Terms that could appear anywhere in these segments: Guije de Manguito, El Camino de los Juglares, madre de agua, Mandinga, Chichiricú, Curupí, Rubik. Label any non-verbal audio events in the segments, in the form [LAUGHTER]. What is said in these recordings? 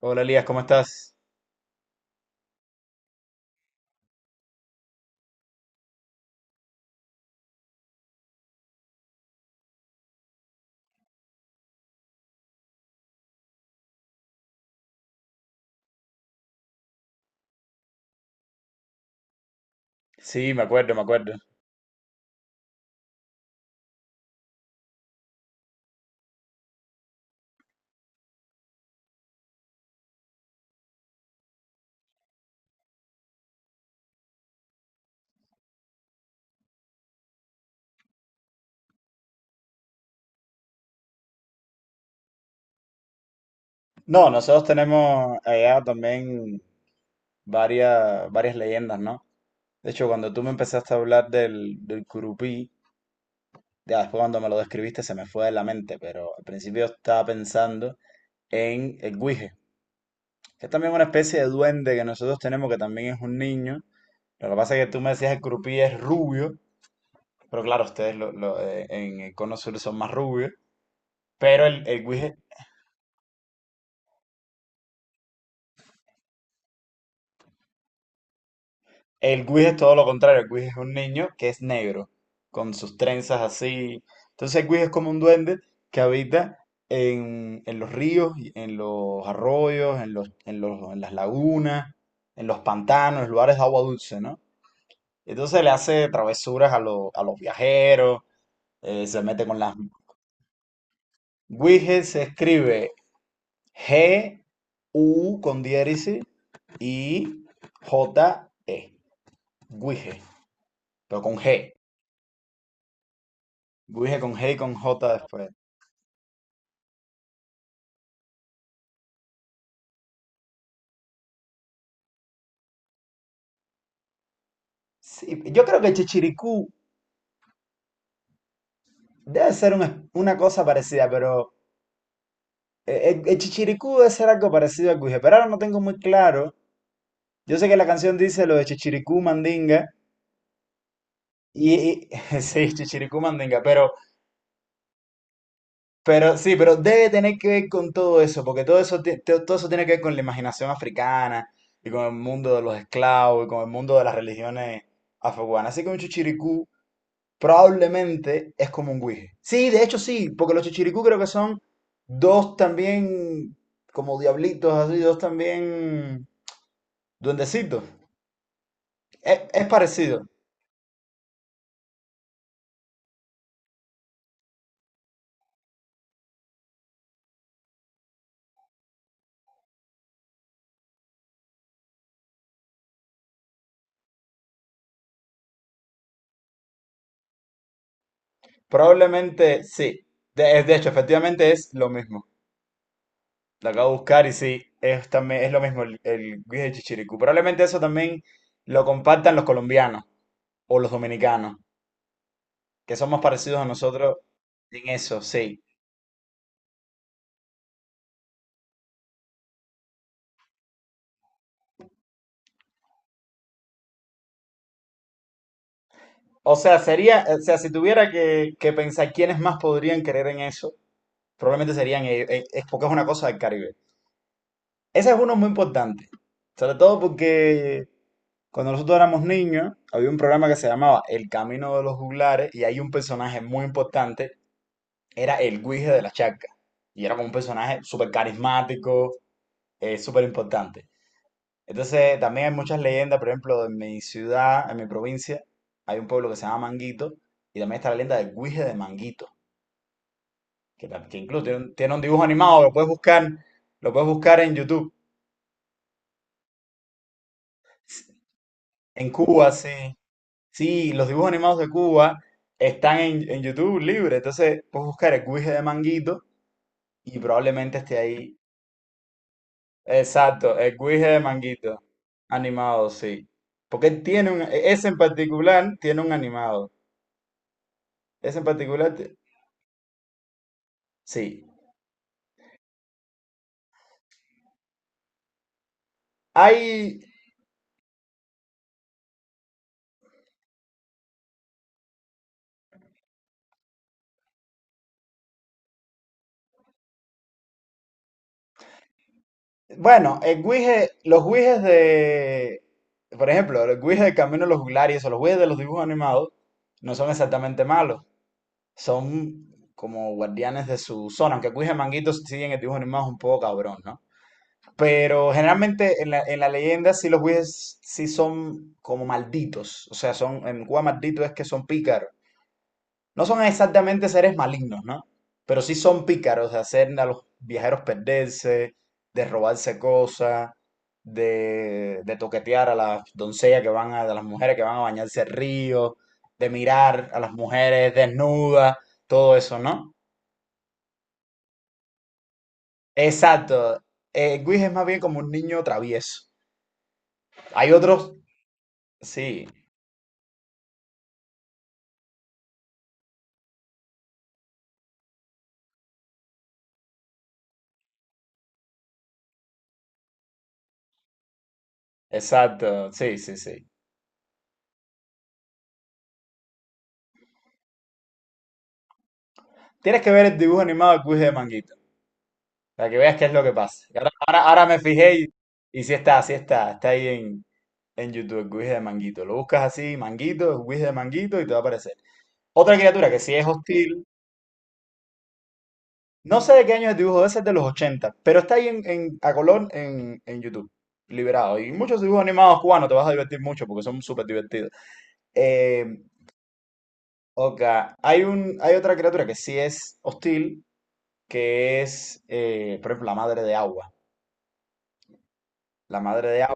Hola Elías, ¿cómo estás? Sí, me acuerdo, me acuerdo. No, nosotros tenemos allá también varias leyendas, ¿no? De hecho, cuando tú me empezaste a hablar del Curupí, ya después cuando me lo describiste se me fue de la mente, pero al principio estaba pensando en el Guije, que es también una especie de duende que nosotros tenemos que también es un niño. Lo que pasa es que tú me decías el Curupí es rubio, pero claro, ustedes en el Cono Sur son más rubios, pero el Guije. El Guis es todo lo contrario. El Guis es un niño que es negro, con sus trenzas así. Entonces el Guis es como un duende que habita en los ríos, y en los arroyos, en las lagunas, en los pantanos, en lugares de agua dulce, ¿no? Entonces le hace travesuras a los viajeros, se mete con las... Guis se escribe G-U con diéresis y J-E. Guije, pero con G. Guije con G y con J después. Sí, yo creo que Chichiricú debe ser un una cosa parecida, pero el Chichiricú debe ser algo parecido al Guije, pero ahora no tengo muy claro. Yo sé que la canción dice lo de Chichiricú Mandinga, [LAUGHS] sí, Chichiricú Mandinga, pero sí, pero debe tener que ver con todo eso, porque todo eso, todo eso tiene que ver con la imaginación africana, y con el mundo de los esclavos, y con el mundo de las religiones afrocubanas. Así que un Chichiricú probablemente es como un guije. Sí, de hecho sí, porque los chichiricú creo que son dos también como diablitos, así, dos también duendecitos. Es parecido. Probablemente sí. De hecho, efectivamente es lo mismo. Lo acabo de buscar y sí, es, también, es lo mismo el guije chichiricú. Probablemente eso también lo compartan los colombianos o los dominicanos, que son más parecidos a nosotros en eso, sí. O sea, sería, o sea, si tuviera que pensar quiénes más podrían creer en eso, probablemente serían ellos, es porque es una cosa del Caribe. Ese es uno muy importante, sobre todo porque cuando nosotros éramos niños, había un programa que se llamaba El Camino de los Juglares y hay un personaje muy importante, era el Guije de la Charca. Y era como un personaje súper carismático, súper importante. Entonces, también hay muchas leyendas, por ejemplo, en mi ciudad, en mi provincia, hay un pueblo que se llama Manguito, y también está la leyenda del Guije de Manguito, que, que incluso tiene un dibujo animado, lo puedes buscar en YouTube. S- En Cuba, sí. Sí, los dibujos animados de Cuba están en YouTube libre, entonces puedes buscar el Guije de Manguito y probablemente esté ahí. Exacto, el Guije de Manguito, animado, sí. Porque él tiene un, ese en particular tiene un animado. Ese en particular sí. Hay, bueno, los guijes de, por ejemplo, los guijes de Camino de los Juglares o los guijes de los dibujos animados no son exactamente malos. Son como guardianes de su zona, aunque el guije de Manguito sí en el dibujo animado es un poco cabrón, ¿no? Pero generalmente en la leyenda sí los guijes sí son como malditos. O sea, son, en Cuba maldito es que son pícaros. No son exactamente seres malignos, ¿no? Pero sí son pícaros de hacer a los viajeros perderse, de robarse cosas, de toquetear a las doncellas que van a, de las mujeres que van a bañarse al río, de mirar a las mujeres desnudas, todo eso, ¿no? Exacto. Guis es más bien como un niño travieso. Hay otros, sí, exacto, sí, sí, sí. Tienes que ver el dibujo animado de Guis de Manguito. Para que veas qué es lo que pasa. Ahora me fijé y sí está, sí está. Está ahí en YouTube, el Guis de Manguito. Lo buscas así, Manguito, Guis de Manguito, y te va a aparecer. Otra criatura que sí es hostil. No sé de qué año es el dibujo, ese es de los 80, pero está ahí a color en YouTube, liberado. Y muchos dibujos animados cubanos, te vas a divertir mucho porque son súper divertidos. Eh, ok, hay un, hay otra criatura que sí es hostil, que es, por ejemplo, la madre de agua. La madre de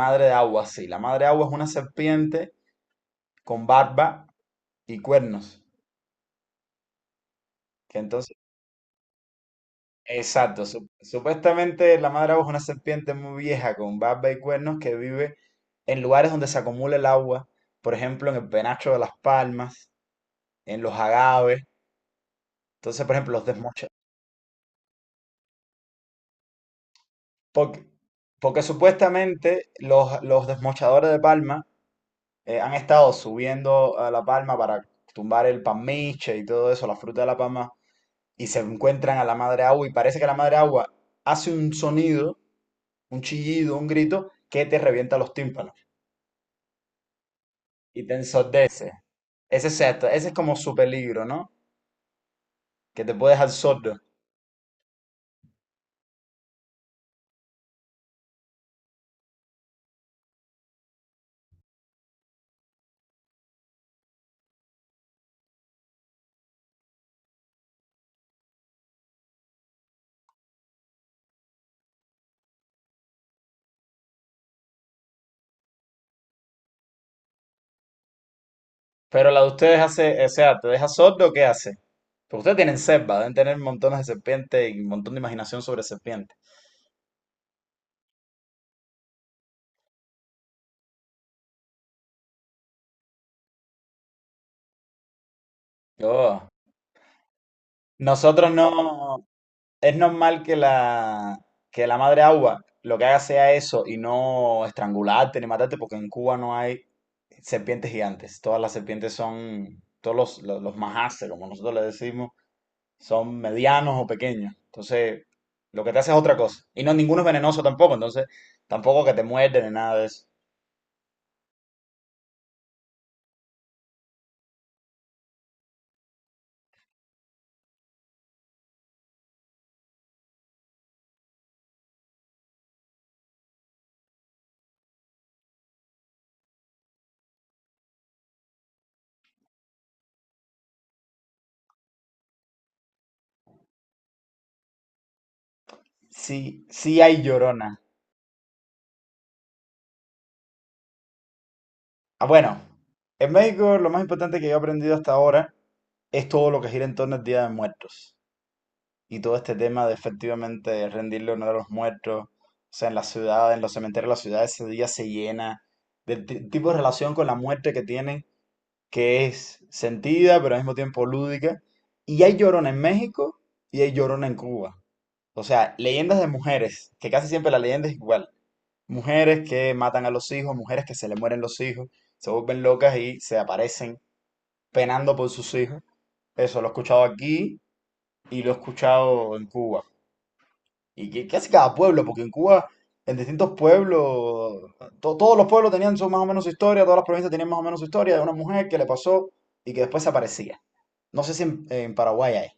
Madre de agua, sí. La madre de agua es una serpiente con barba y cuernos. Que entonces, exacto, supuestamente la madre de agua es una serpiente muy vieja con barba y cuernos que vive en lugares donde se acumula el agua, por ejemplo, en el penacho de las palmas, en los agaves. Entonces, por ejemplo, los desmocha. Porque, porque supuestamente los desmochadores de palma han estado subiendo a la palma para tumbar el palmiche y todo eso, la fruta de la palma y se encuentran a la madre agua y parece que la madre agua hace un sonido, un chillido, un grito que te revienta los tímpanos y te ensordece. Ese es, esto, ese es como su peligro, ¿no? Que te puede dejar sordo. Pero la de ustedes hace, o sea, ¿te deja sordo o qué hace? Porque ustedes tienen selva, deben tener montones de serpientes y un montón de imaginación sobre serpientes. Yo, nosotros no. Es normal que la madre agua lo que haga sea eso y no estrangularte ni matarte, porque en Cuba no hay serpientes gigantes. Todas las serpientes son, los majaces, como nosotros le decimos, son medianos o pequeños. Entonces, lo que te hace es otra cosa. Y no, ninguno es venenoso tampoco, entonces tampoco que te muerden ni nada de eso. Sí, sí hay llorona. Ah, bueno, en México lo más importante que yo he aprendido hasta ahora es todo lo que gira en torno al Día de Muertos. Y todo este tema de efectivamente rendirle honor a los muertos. O sea, en la ciudad, en los cementerios de la ciudad, ese día se llena tipo de relación con la muerte que tienen, que es sentida, pero al mismo tiempo lúdica. Y hay llorona en México y hay llorona en Cuba. O sea, leyendas de mujeres, que casi siempre la leyenda es igual. Mujeres que matan a los hijos, mujeres que se le mueren los hijos, se vuelven locas y se aparecen penando por sus hijos. Eso lo he escuchado aquí y lo he escuchado en Cuba. Y que casi cada pueblo, porque en Cuba, en distintos pueblos, todos los pueblos tenían su, más o menos su historia, todas las provincias tenían más o menos su historia de una mujer que le pasó y que después aparecía. No sé si en Paraguay hay.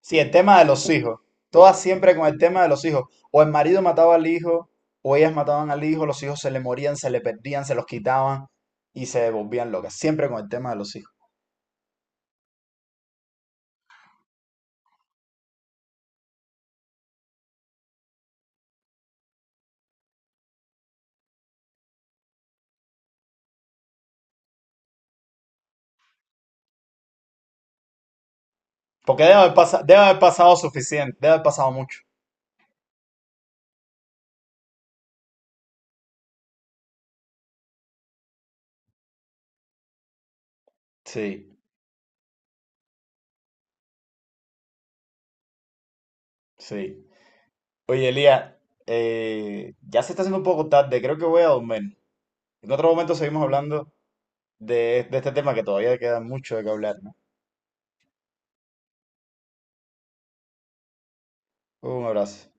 Sí, el tema de los hijos. Todas siempre con el tema de los hijos. O el marido mataba al hijo, o ellas mataban al hijo, los hijos se le morían, se le perdían, se los quitaban y se volvían locas. Siempre con el tema de los hijos. Porque debe haber pasado suficiente, debe haber pasado mucho. Sí, sí. Oye, Elías, ya se está haciendo un poco tarde, creo que voy a dormir. En otro momento seguimos hablando de este tema que todavía queda mucho de que hablar, ¿no? Un abrazo.